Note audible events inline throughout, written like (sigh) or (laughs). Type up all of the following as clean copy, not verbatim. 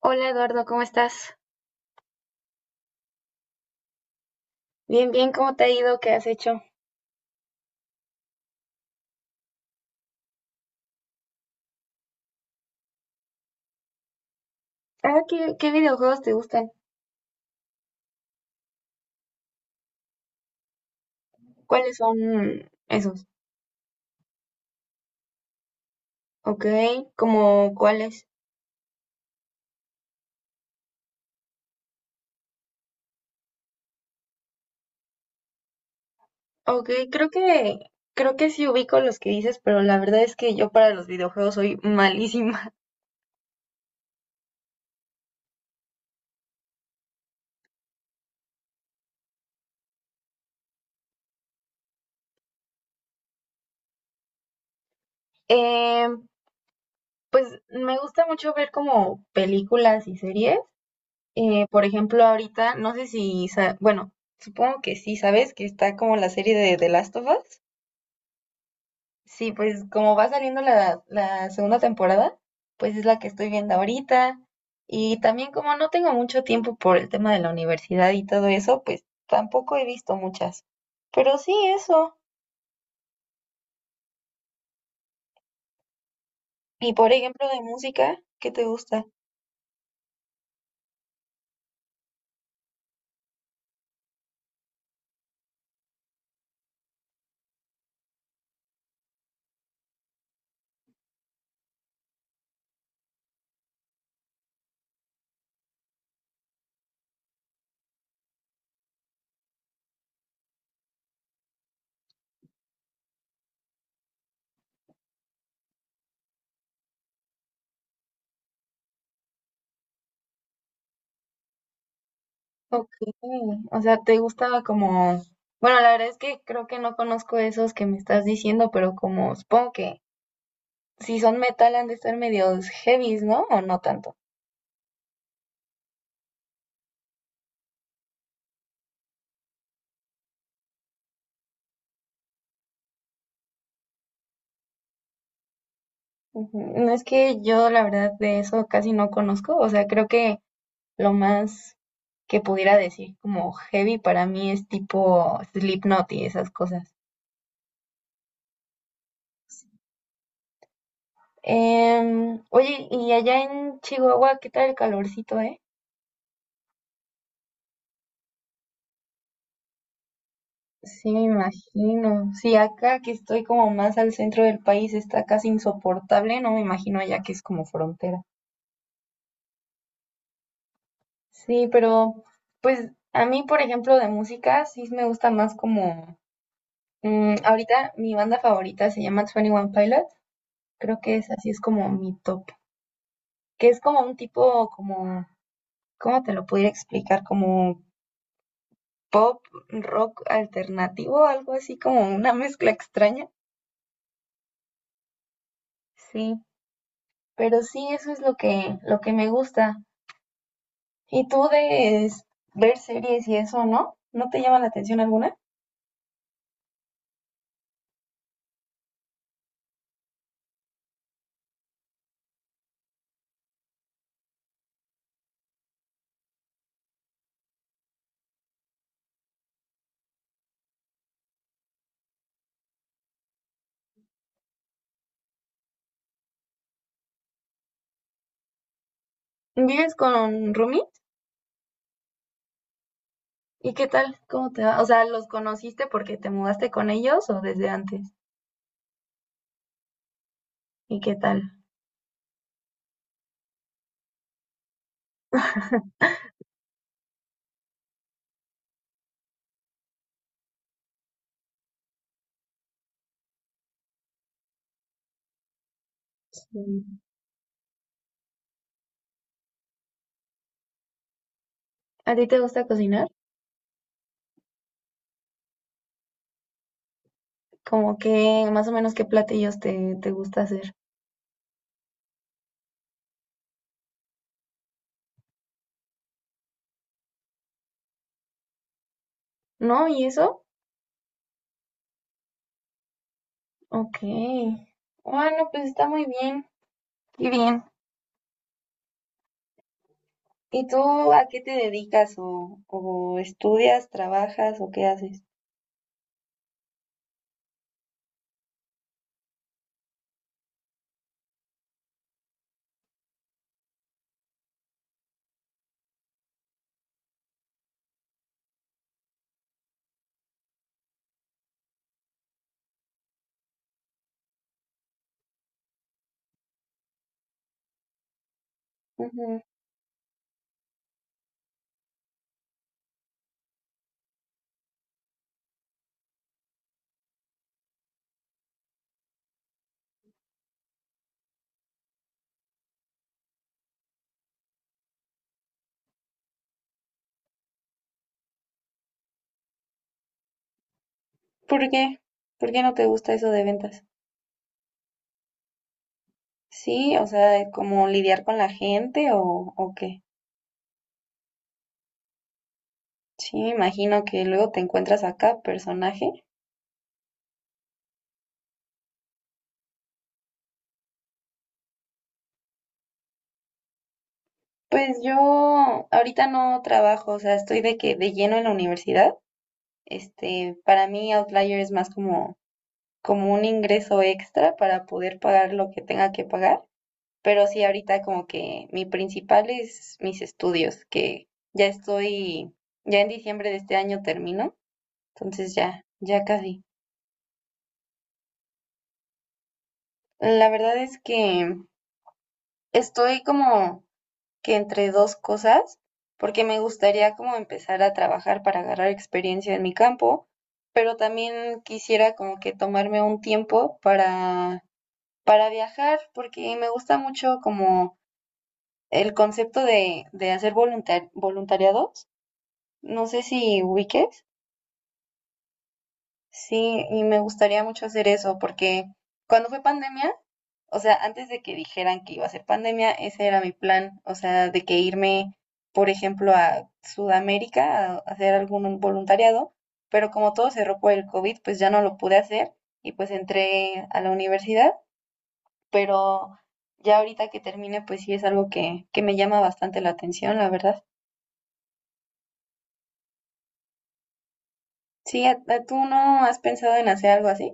Hola Eduardo, ¿cómo estás? Bien, ¿cómo te ha ido? ¿Qué has hecho? Ah, ¿qué videojuegos te gustan? ¿Cuáles son esos? Ok, ¿como cuáles? Ok, creo que, creo que sí ubico los que dices, pero la verdad es que yo para los videojuegos soy malísima. (laughs) Eh, pues me gusta mucho ver como películas y series. Por ejemplo, ahorita, no sé si, sa- bueno, supongo que sí, ¿sabes? Que está como la serie de The Last of Us. Sí, pues como va saliendo la segunda temporada, pues es la que estoy viendo ahorita. Y también como no tengo mucho tiempo por el tema de la universidad y todo eso, pues tampoco he visto muchas. Pero sí eso. Y por ejemplo de música, ¿qué te gusta? Ok. O sea, ¿te gusta como... Bueno, la verdad es que creo que no conozco esos que me estás diciendo, pero como supongo que si son metal han de estar medios heavies, ¿no? O no tanto. Ujú. No es que yo la verdad de eso casi no conozco, o sea, creo que lo más que pudiera decir como heavy para mí es tipo Slipknot y esas cosas. Oye, y allá en Chihuahua, ¿qué tal el calorcito, eh? Sí, me imagino. Sí, acá que estoy como más al centro del país está casi insoportable, no me imagino allá que es como frontera. Sí, pero pues a mí, por ejemplo, de música sí me gusta más como... ahorita mi banda favorita se llama Twenty One Pilots. Creo que es así, es como mi top. Que es como un tipo, como, ¿cómo te lo pudiera explicar? Como pop, rock alternativo, algo así como una mezcla extraña. Sí, pero sí, eso es lo que me gusta. ¿Y tú de es- ver series y eso, no? ¿No te llama la atención alguna? ¿Vives con Rumi? ¿Y qué tal? ¿Cómo te va? O sea, ¿los conociste porque te mudaste con ellos o desde antes? ¿Y qué tal? ¿A ti te gusta cocinar? Como que más o menos qué platillos te gusta hacer. ¿No? ¿Y eso? Ok. Bueno, pues está muy bien. Qué bien. ¿Y tú a qué te dedicas o estudias, trabajas o qué haces? Ujú. ¿Por qué? ¿Por qué no te gusta eso de ventas? Sí, o sea, como lidiar con la gente o qué. Sí, imagino que luego te encuentras acá, personaje. Pues yo ahorita no trabajo, o sea, estoy de que de lleno en la universidad. Este, para mí Outlier es más como, como un ingreso extra para poder pagar lo que tenga que pagar. Pero sí, ahorita como que mi principal es mis estudios, que ya estoy, ya en diciembre de este año termino, entonces ya, ya casi. La verdad es que estoy como que entre dos cosas, porque me gustaría como empezar a trabajar para agarrar experiencia en mi campo, pero también quisiera como que tomarme un tiempo para... Para viajar, porque me gusta mucho como el concepto de hacer voluntar- voluntariados. No sé si ubiques. Sí, y me gustaría mucho hacer eso, porque cuando fue pandemia, o sea, antes de que dijeran que iba a ser pandemia, ese era mi plan. O sea, de que irme, por ejemplo, a Sudamérica a hacer algún voluntariado. Pero como todo cerró por el COVID, pues ya no lo pude hacer y pues entré a la universidad, pero ya ahorita que termine, pues sí es algo que me llama bastante la atención, la verdad. Sí, a- ¿tú no has pensado en hacer algo así?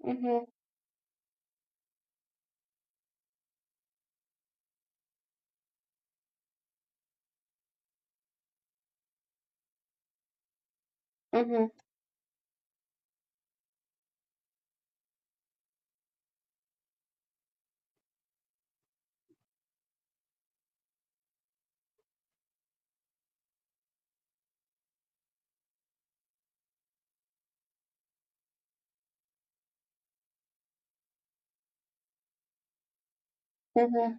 Ujú, ujú, ujú.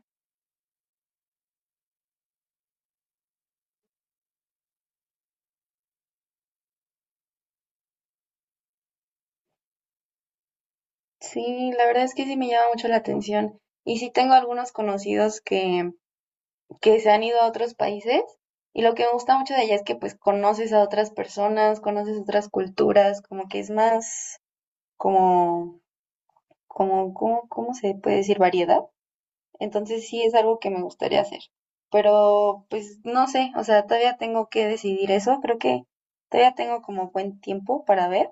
Sí, la verdad es que sí me llama mucho la atención. Y sí tengo algunos conocidos que se han ido a otros países y lo que me gusta mucho de allá es que pues conoces a otras personas, conoces otras culturas, como que es más como, como, ¿cómo, cómo se puede decir? Variedad. Entonces sí es algo que me gustaría hacer. Pero pues no sé, o sea, todavía tengo que decidir eso. Creo que todavía tengo como buen tiempo para ver,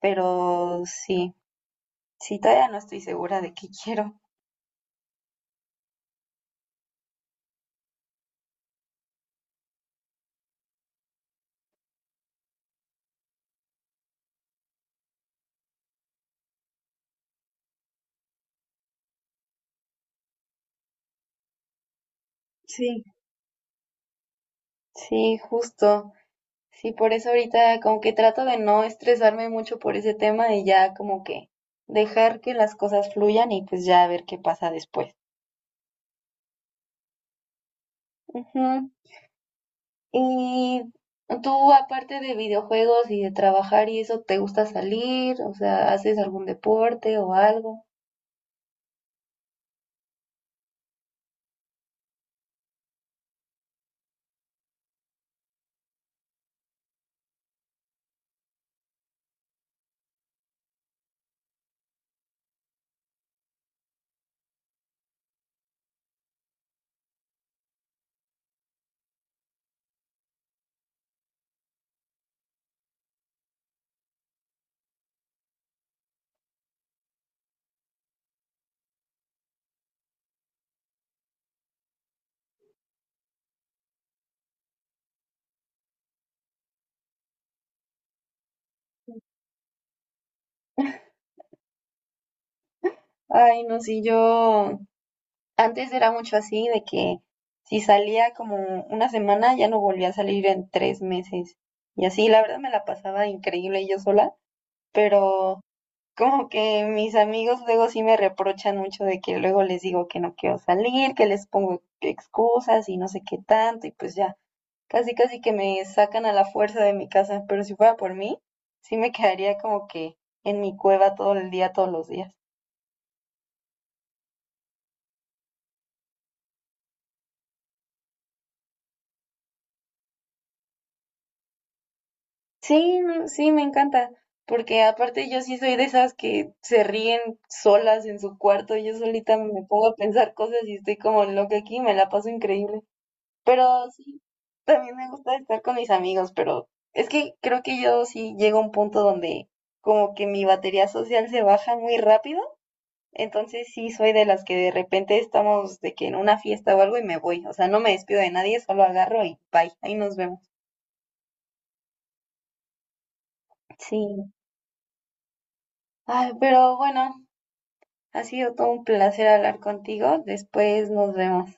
pero sí, sí, todavía no estoy segura de qué (laughs) quiero. Sí, sí, justo. Sí, por eso ahorita como que trato de no estresarme mucho por ese tema y ya como que dejar que las cosas fluyan y pues ya ver qué pasa después. Ujú. Y tú, aparte de videojuegos y de trabajar y eso, ¿te gusta salir? O sea, ¿haces algún deporte o algo? Ay, no, sí, yo antes era mucho así, de que si salía como una semana, ya no volvía a salir en tres meses. Y así, la verdad, me la pasaba increíble yo sola, pero como que mis amigos luego sí me reprochan mucho de que luego les digo que no quiero salir, que les pongo excusas y no sé qué tanto, y pues ya. Casi que me sacan a la fuerza de mi casa, pero si fuera por mí, sí me quedaría como que en mi cueva todo el día, todos los días. Sí, no, sí, me encanta, porque aparte yo sí soy de esas que se ríen solas en su cuarto, yo solita me pongo a pensar cosas y estoy como loca aquí, me la paso increíble. Pero sí, también me gusta estar con mis amigos, pero es que creo que yo sí llego a un punto donde como que mi batería social se baja muy rápido. Entonces sí soy de las que de repente estamos de que en una fiesta o algo y me voy. O sea, no me despido de nadie, solo agarro y bye. Ahí nos vemos. Sí. Ay, pero bueno, ha sido todo un placer hablar contigo. Después nos vemos.